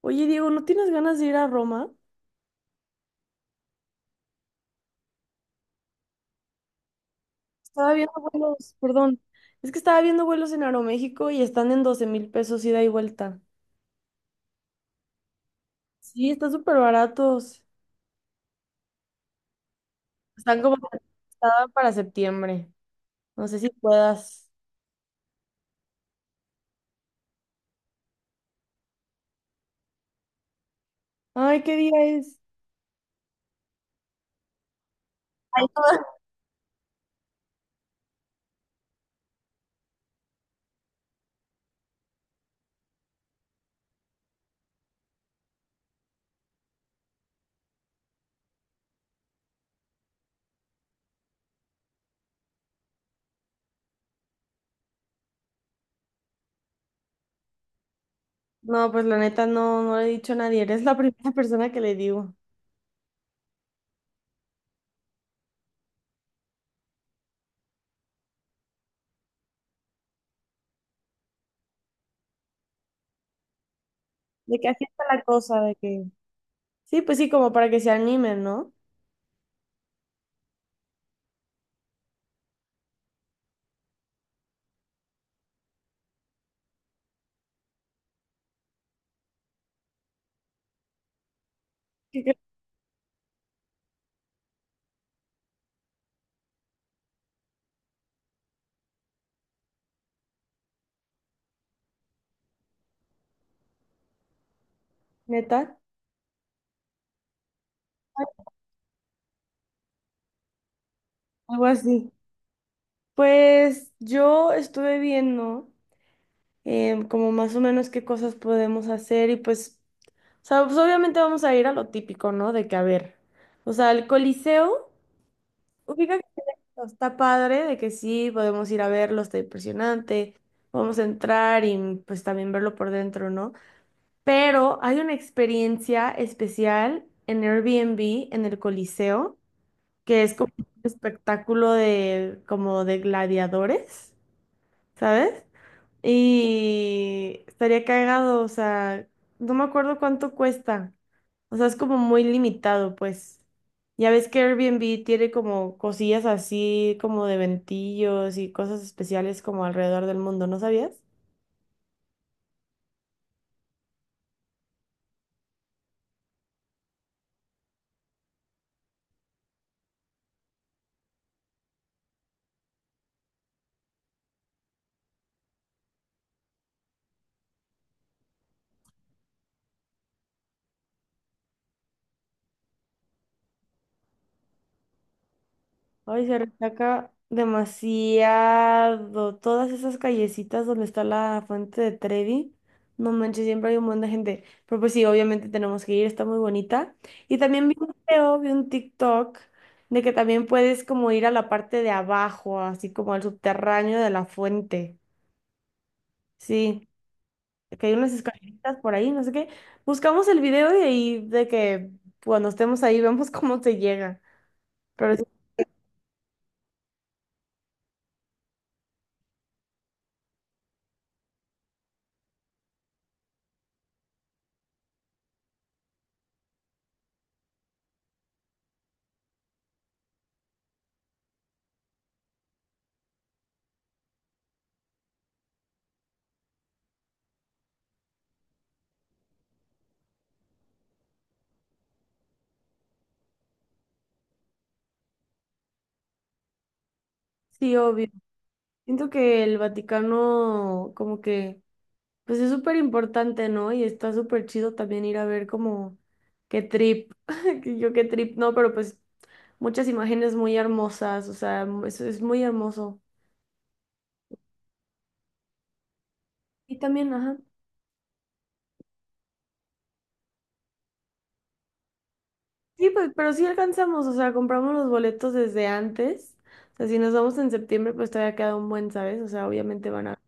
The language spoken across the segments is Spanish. Oye, Diego, ¿no tienes ganas de ir a Roma? Estaba viendo vuelos, perdón. Es que estaba viendo vuelos en Aeroméxico y están en 12,000 pesos ida y vuelta. Sí, están súper baratos. Están como estaban para septiembre. No sé si puedas. Ay, ¿qué día es? Ay, no, No, pues la neta no, no le he dicho a nadie. Eres la primera persona que le digo. De que así está la cosa, de que. Sí, pues sí, como para que se animen, ¿no? ¿Qué crees, neta? Algo así. Pues yo estuve viendo, como más o menos qué cosas podemos hacer y pues, o sea, pues obviamente vamos a ir a lo típico, ¿no? De que a ver, o sea, el Coliseo, ubica que está padre, de que sí, podemos ir a verlo, está impresionante, vamos a entrar y pues también verlo por dentro, ¿no? Pero hay una experiencia especial en Airbnb, en el Coliseo, que es como un espectáculo de, como de gladiadores, ¿sabes? Y estaría cagado, o sea, no me acuerdo cuánto cuesta. O sea, es como muy limitado, pues. Ya ves que Airbnb tiene como cosillas así, como de ventillos y cosas especiales como alrededor del mundo, ¿no sabías? Ay, se resaca demasiado. Todas esas callecitas donde está la fuente de Trevi. No manches, siempre hay un montón de gente. Pero pues sí, obviamente tenemos que ir, está muy bonita. Y también vi un video, vi un TikTok de que también puedes como ir a la parte de abajo, así como al subterráneo de la fuente. Sí, que hay unas escaleritas por ahí, no sé qué. Buscamos el video y ahí de que cuando estemos ahí vemos cómo se llega. Pero sí, sí, obvio. Siento que el Vaticano como que pues es súper importante, ¿no? Y está súper chido también ir a ver como qué trip, que yo qué trip, no, pero pues muchas imágenes muy hermosas, o sea, es muy hermoso. Y también, ajá. Sí, pues, pero sí alcanzamos, o sea, compramos los boletos desde antes. O sea, si nos vamos en septiembre, pues todavía queda un buen, ¿sabes? O sea, obviamente van a.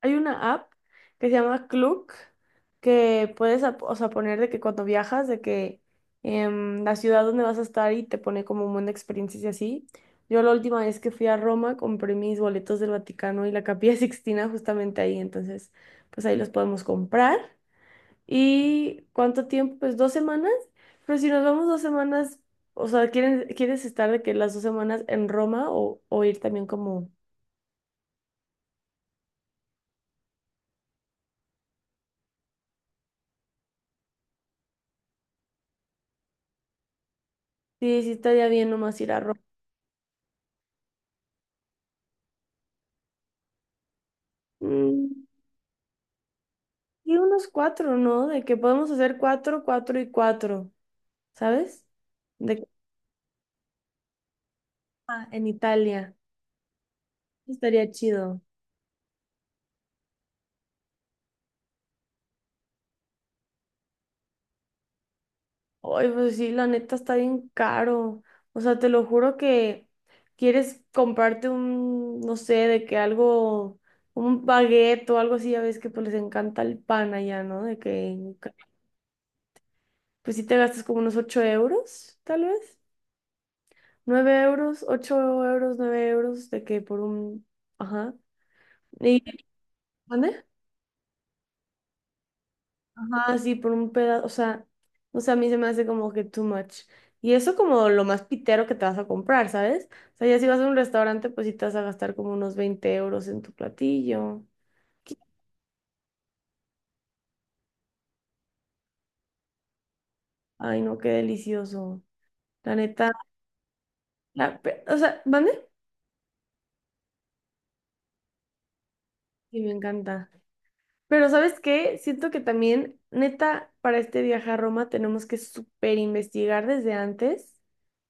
Hay una app que se llama Klook que puedes, o sea, poner de que cuando viajas, de que la ciudad donde vas a estar y te pone como un buen de experiencias y así. Yo la última vez que fui a Roma compré mis boletos del Vaticano y la Capilla Sixtina justamente ahí, entonces pues ahí los podemos comprar. ¿Y cuánto tiempo? Pues 2 semanas. Pero si nos vamos 2 semanas, o sea, ¿quieres estar de que las 2 semanas en Roma o, ir también como... Sí, sí estaría bien nomás ir a Roma. Mm. Y unos cuatro, ¿no? De que podemos hacer cuatro, cuatro y cuatro, ¿sabes? De que ah, en Italia. Estaría chido. Ay, pues sí, la neta está bien caro. O sea, te lo juro que quieres comprarte un, no sé, de que algo, un baguette o algo así, ya ves que pues les encanta el pan allá, ¿no? De que, pues sí te gastas como unos €8, tal vez. Nueve euros, €8, €9, de que por un, ajá. ¿Y, ¿Mande? Ajá, sí, por un pedazo, o sea, a mí se me hace como que too much. Y eso como lo más pitero que te vas a comprar, ¿sabes? O sea, ya si vas a un restaurante, pues sí te vas a gastar como unos €20 en tu platillo. Qui- Ay, no, qué delicioso. La neta, o sea, ¿vale? Sí, me encanta. Pero ¿sabes qué? Siento que también, neta, para este viaje a Roma tenemos que súper investigar desde antes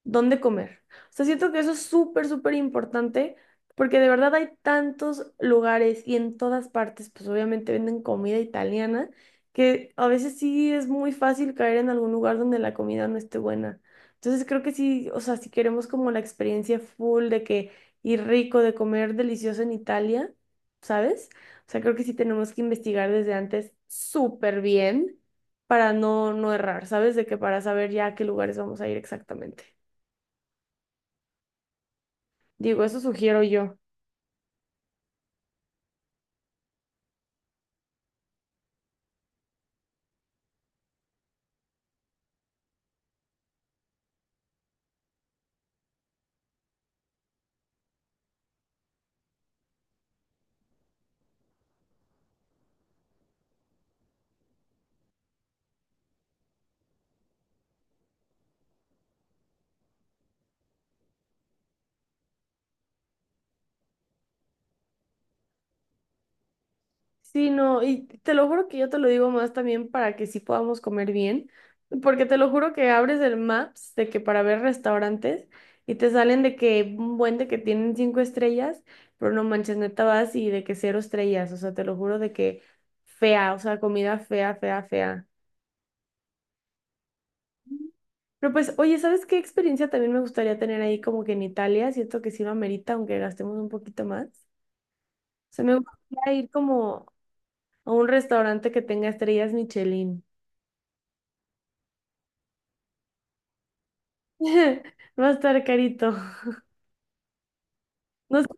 dónde comer. O sea, siento que eso es súper, súper importante, porque de verdad hay tantos lugares y en todas partes, pues obviamente venden comida italiana, que a veces sí es muy fácil caer en algún lugar donde la comida no esté buena. Entonces creo que sí, o sea, si queremos como la experiencia full de que ir rico, de comer delicioso en Italia, ¿sabes? O sea, creo que sí tenemos que investigar desde antes súper bien para no, no errar, ¿sabes? De que para saber ya a qué lugares vamos a ir exactamente. Digo, eso sugiero yo. Sí, no, y te lo juro que yo te lo digo más también para que sí podamos comer bien, porque te lo juro que abres el Maps de que para ver restaurantes y te salen de que un buen de que tienen 5 estrellas, pero no manches, neta vas y de que 0 estrellas, o sea, te lo juro de que fea, o sea, comida fea, fea, fea. Pero pues, oye, ¿sabes qué experiencia también me gustaría tener ahí como que en Italia? Siento que sí lo amerita, aunque gastemos un poquito más. O sea, me gustaría ir como o un restaurante que tenga estrellas Michelin. Va a estar carito. No sé,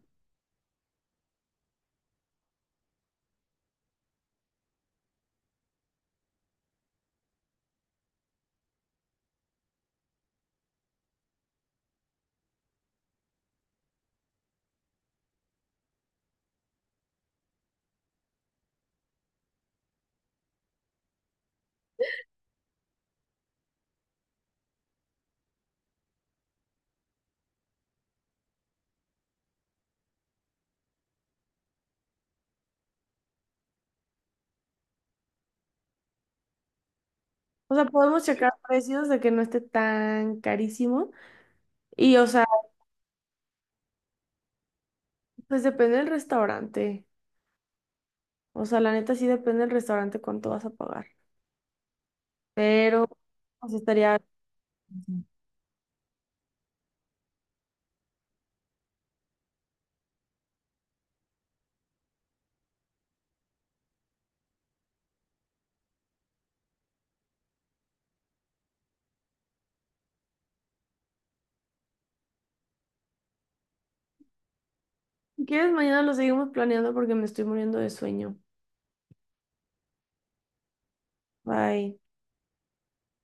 o sea, podemos checar precios de que no esté tan carísimo. Y, o sea, pues depende del restaurante. O sea, la neta sí depende del restaurante cuánto vas a pagar. Pero, pues estaría... Si quieres, mañana lo seguimos planeando porque me estoy muriendo de sueño. Bye.